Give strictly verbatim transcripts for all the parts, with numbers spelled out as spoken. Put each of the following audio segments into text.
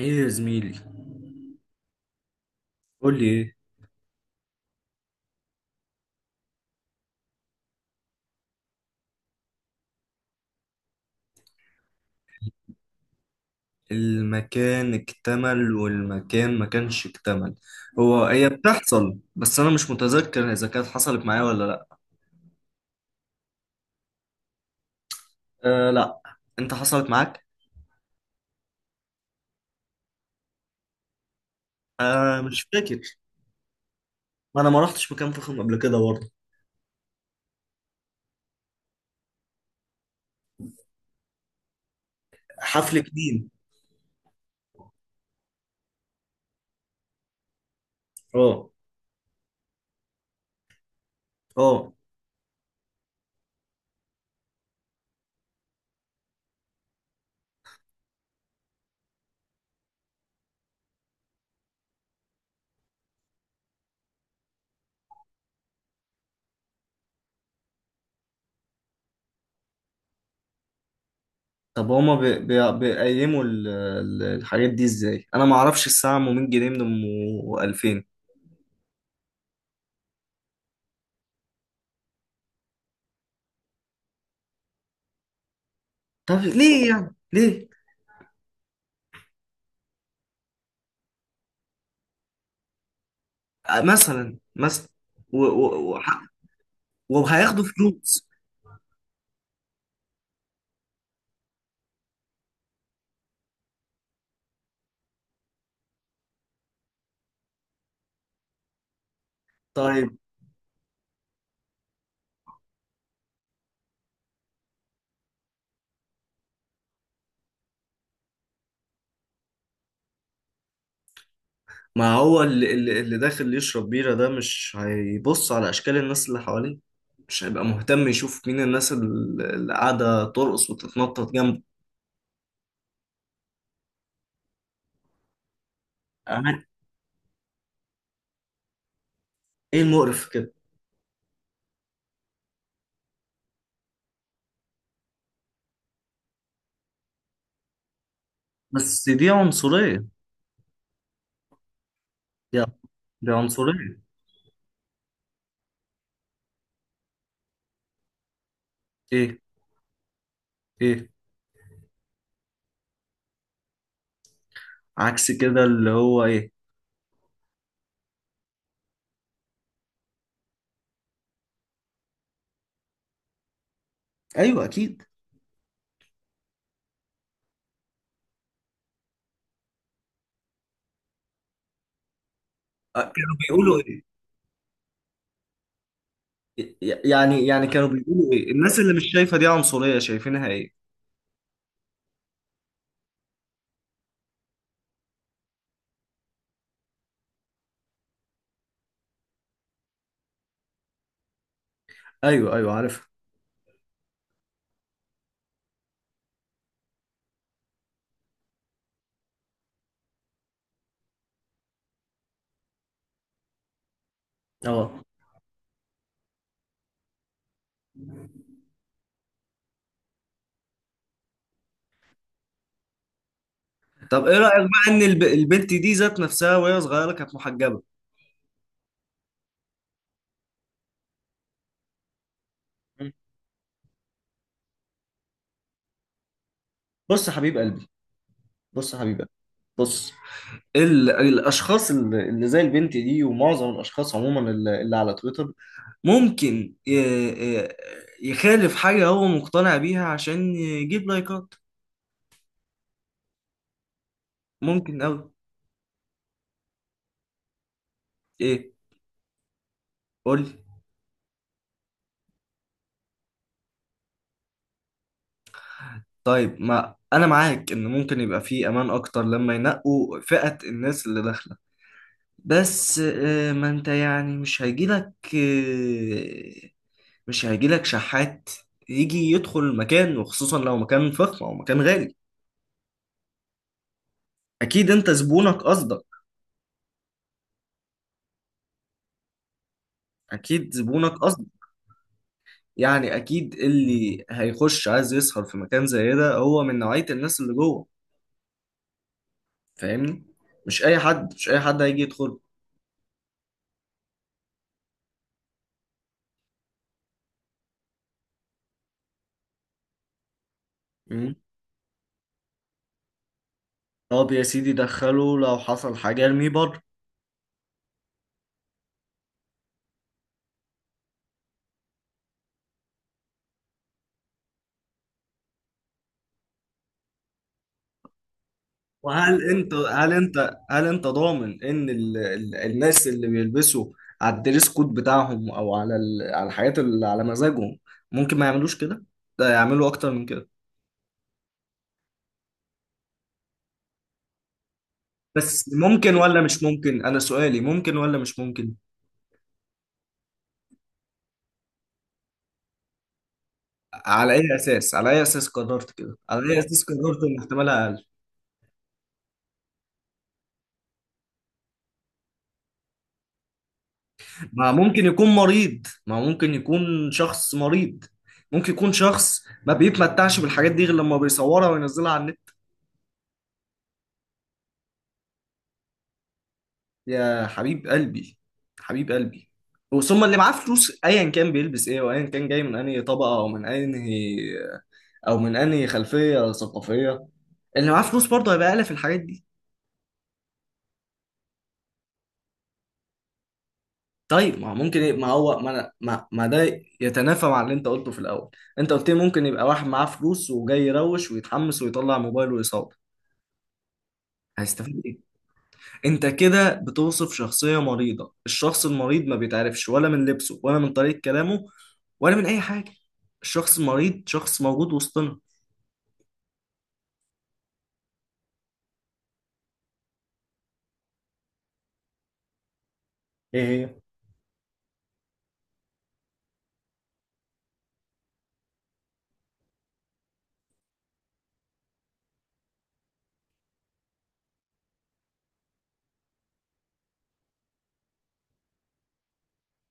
ايه يا زميلي. قول لي ايه. المكان اكتمل والمكان ما كانش اكتمل. هو هي بتحصل، بس انا مش متذكر اذا كانت حصلت معايا ولا لا. آه لا، انت حصلت معاك. آه مش فاكر. ما انا ما رحتش مكان فخم قبل كده برضه. حفل كديم. اه، اه. طب هما بي بي بيقيموا ال- ال- الحاجات دي ازاي؟ انا ما اعرفش الساعه ام مية جنيه من ام ألفين. طب ليه يعني ليه؟ آه، مثلا مثلا وهياخدوا فلوس. طيب ما هو اللي, اللي اللي داخل يشرب بيرة ده مش هيبص على أشكال الناس اللي حواليه. مش هيبقى مهتم يشوف مين الناس ال- اللي قاعدة ترقص وتتنطط جنبه. أنا- إيه المقرف في كده؟ بس دي عنصرية. يا دي عنصرية. إيه؟ إيه عكس كده اللي هو إيه؟ أيوه أكيد. أ- كانوا بيقولوا إيه؟ ي- يعني يعني كانوا بيقولوا إيه؟ الناس اللي مش شايفة دي عنصرية شايفينها إيه؟ أيوه أيوه، عارفها. أه. طب ايه رأيك بقى ان الب- البنت دي ذات نفسها وهي صغيرة كانت محجبة؟ بص يا حبيب قلبي. بص يا حبيب قلبي. بص، ال... الاشخاص اللي اللي زي البنت دي ومعظم الاشخاص عموما اللي, اللي على تويتر ممكن ي- ي- يخالف حاجة هو مقتنع بيها عشان يجيب لايكات. ممكن أوي. إيه؟ قول لي. طيب ما أنا معاك إن ممكن يبقى فيه أمان أكتر لما ينقوا فئة الناس اللي داخلة. بس آه، ما أنت يعني مش هيجيلك آه، مش هيجيلك شحات يجي يدخل المكان، وخصوصا لو مكان فخم او مكان غالي. اكيد انت زبونك قصدك. اكيد زبونك قصدك. يعني اكيد اللي هيخش عايز يسهر في مكان زي ده هو من نوعية الناس اللي جوه. فاهمني؟ مش اي حد، مش اي حد هيجي يدخل. مم. طب يا سيدي دخله، لو حصل حاجة ارميه بره. وهل انت هل انت هل انت ضامن ان ال... ال... الناس اللي بيلبسوا على الدريس كود بتاعهم او على ال... على الحاجات اللي على مزاجهم ممكن ما يعملوش كده؟ ده يعملوا اكتر من كده. بس ممكن ولا مش ممكن؟ انا سؤالي، ممكن ولا مش ممكن؟ على اي اساس؟ على اي اساس قررت كده؟ على اي اساس قررت ان احتمالها اقل؟ ما ممكن يكون مريض، ما ممكن يكون شخص مريض. ممكن يكون شخص ما بيتمتعش بالحاجات دي غير لما بيصورها وينزلها على النت. يا حبيب قلبي، حبيب قلبي، وثم اللي معاه فلوس ايا كان بيلبس ايه وايا كان جاي من انهي طبقه او من انهي او من انهي خلفيه ثقافيه، اللي معاه فلوس برضه هيبقى اقل في الحاجات دي. طيب ما هو ممكن ايه؟ ما هو ما, أنا- ما ما ده يتنافى مع اللي انت قلته في الاول. انت قلت لي ممكن يبقى واحد معاه فلوس وجاي يروش ويتحمس ويطلع موبايله ويصور. هيستفيد ايه؟ انت كده بتوصف شخصية مريضة. الشخص المريض ما بيتعرفش ولا من لبسه ولا من طريقة كلامه ولا من اي حاجة. الشخص المريض شخص موجود وسطنا. ايه؟ هي؟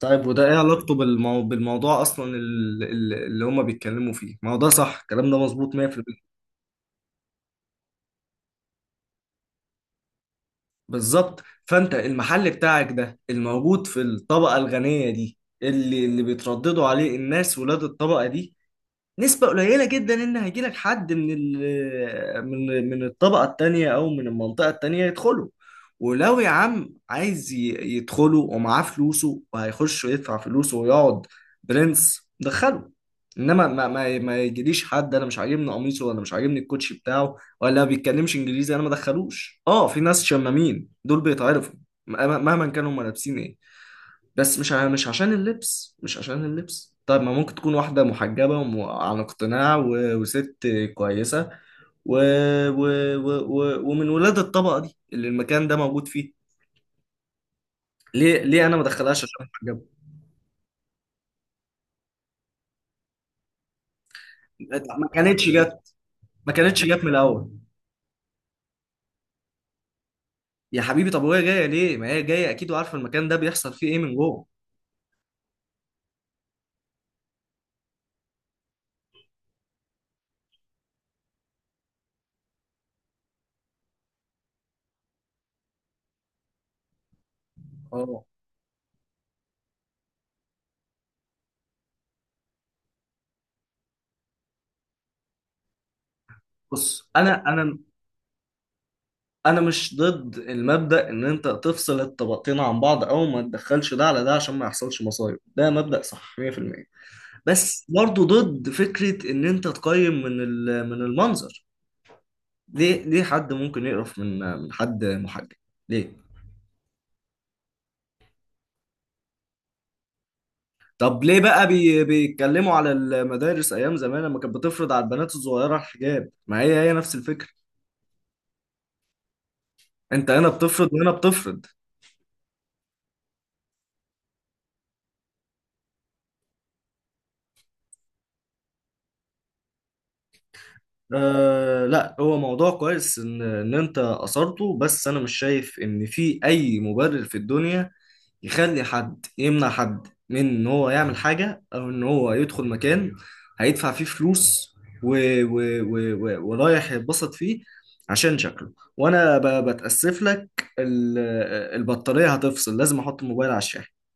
طيب وده ايه علاقته بالمو... بالموضوع اصلا ال- ال- اللي هما بيتكلموا فيه؟ ما هو ده صح، الكلام ده مظبوط مية في المية. بالظبط، فانت المحل بتاعك ده الموجود في الطبقة الغنية دي اللي اللي بيترددوا عليه الناس ولاد الطبقة دي، نسبة قليلة جدا إن هيجيلك حد من ال من من الطبقة التانية أو من المنطقة التانية يدخله. ولو يا عم عايز ي- يدخله ومعاه فلوسه وهيخش ويدفع فلوسه ويقعد، برنس دخله. إنما ما ما ما يجيليش حد أنا مش عاجبني قميصه، ولا مش عاجبني الكوتشي بتاعه، ولا ما بيتكلمش إنجليزي أنا ما دخلوش. أه، في ناس شمامين دول بيتعرفوا م- مهما كانوا هما لابسين إيه، بس مش ع- مش عشان اللبس، مش عشان اللبس. طيب ما ممكن تكون واحدة محجبة وعن اقتناع و- وست كويسة و... و... و... و... ومن ولاد الطبقة دي اللي المكان ده موجود فيه، ليه، ليه انا ما ادخلهاش عشان محجبة؟ ما كانتش جت، ما كانتش جت من الاول. يا حبيبي طب وهي جاية ليه؟ ما هي جاية اكيد وعارفة المكان ده بيحصل فيه ايه من جوه. اه. بص، انا انا انا مش ضد المبدأ ان انت تفصل الطبقتين عن بعض او ما تدخلش ده على ده عشان ما يحصلش مصايب، ده مبدأ صح مية في المية. بس برضه ضد فكرة ان انت تقيم من ال- من المنظر. ليه؟ ليه حد ممكن يقرف من من حد محجب؟ ليه؟ طب ليه بقى بي بيتكلموا على المدارس ايام زمان لما كانت بتفرض على البنات الصغيرة الحجاب؟ ما هي هي نفس الفكرة. انت هنا بتفرض وهنا بتفرض. أه لا، هو موضوع كويس ان ان انت اثرته. بس انا مش شايف ان في اي مبرر في الدنيا يخلي حد يمنع حد من ان هو يعمل حاجه او ان هو يدخل مكان هيدفع فيه فلوس و و و و ورايح يتبسط فيه عشان شكله. وانا ب- بتاسف لك. ال- البطاريه هتفصل، لازم احط الموبايل على الشاحن.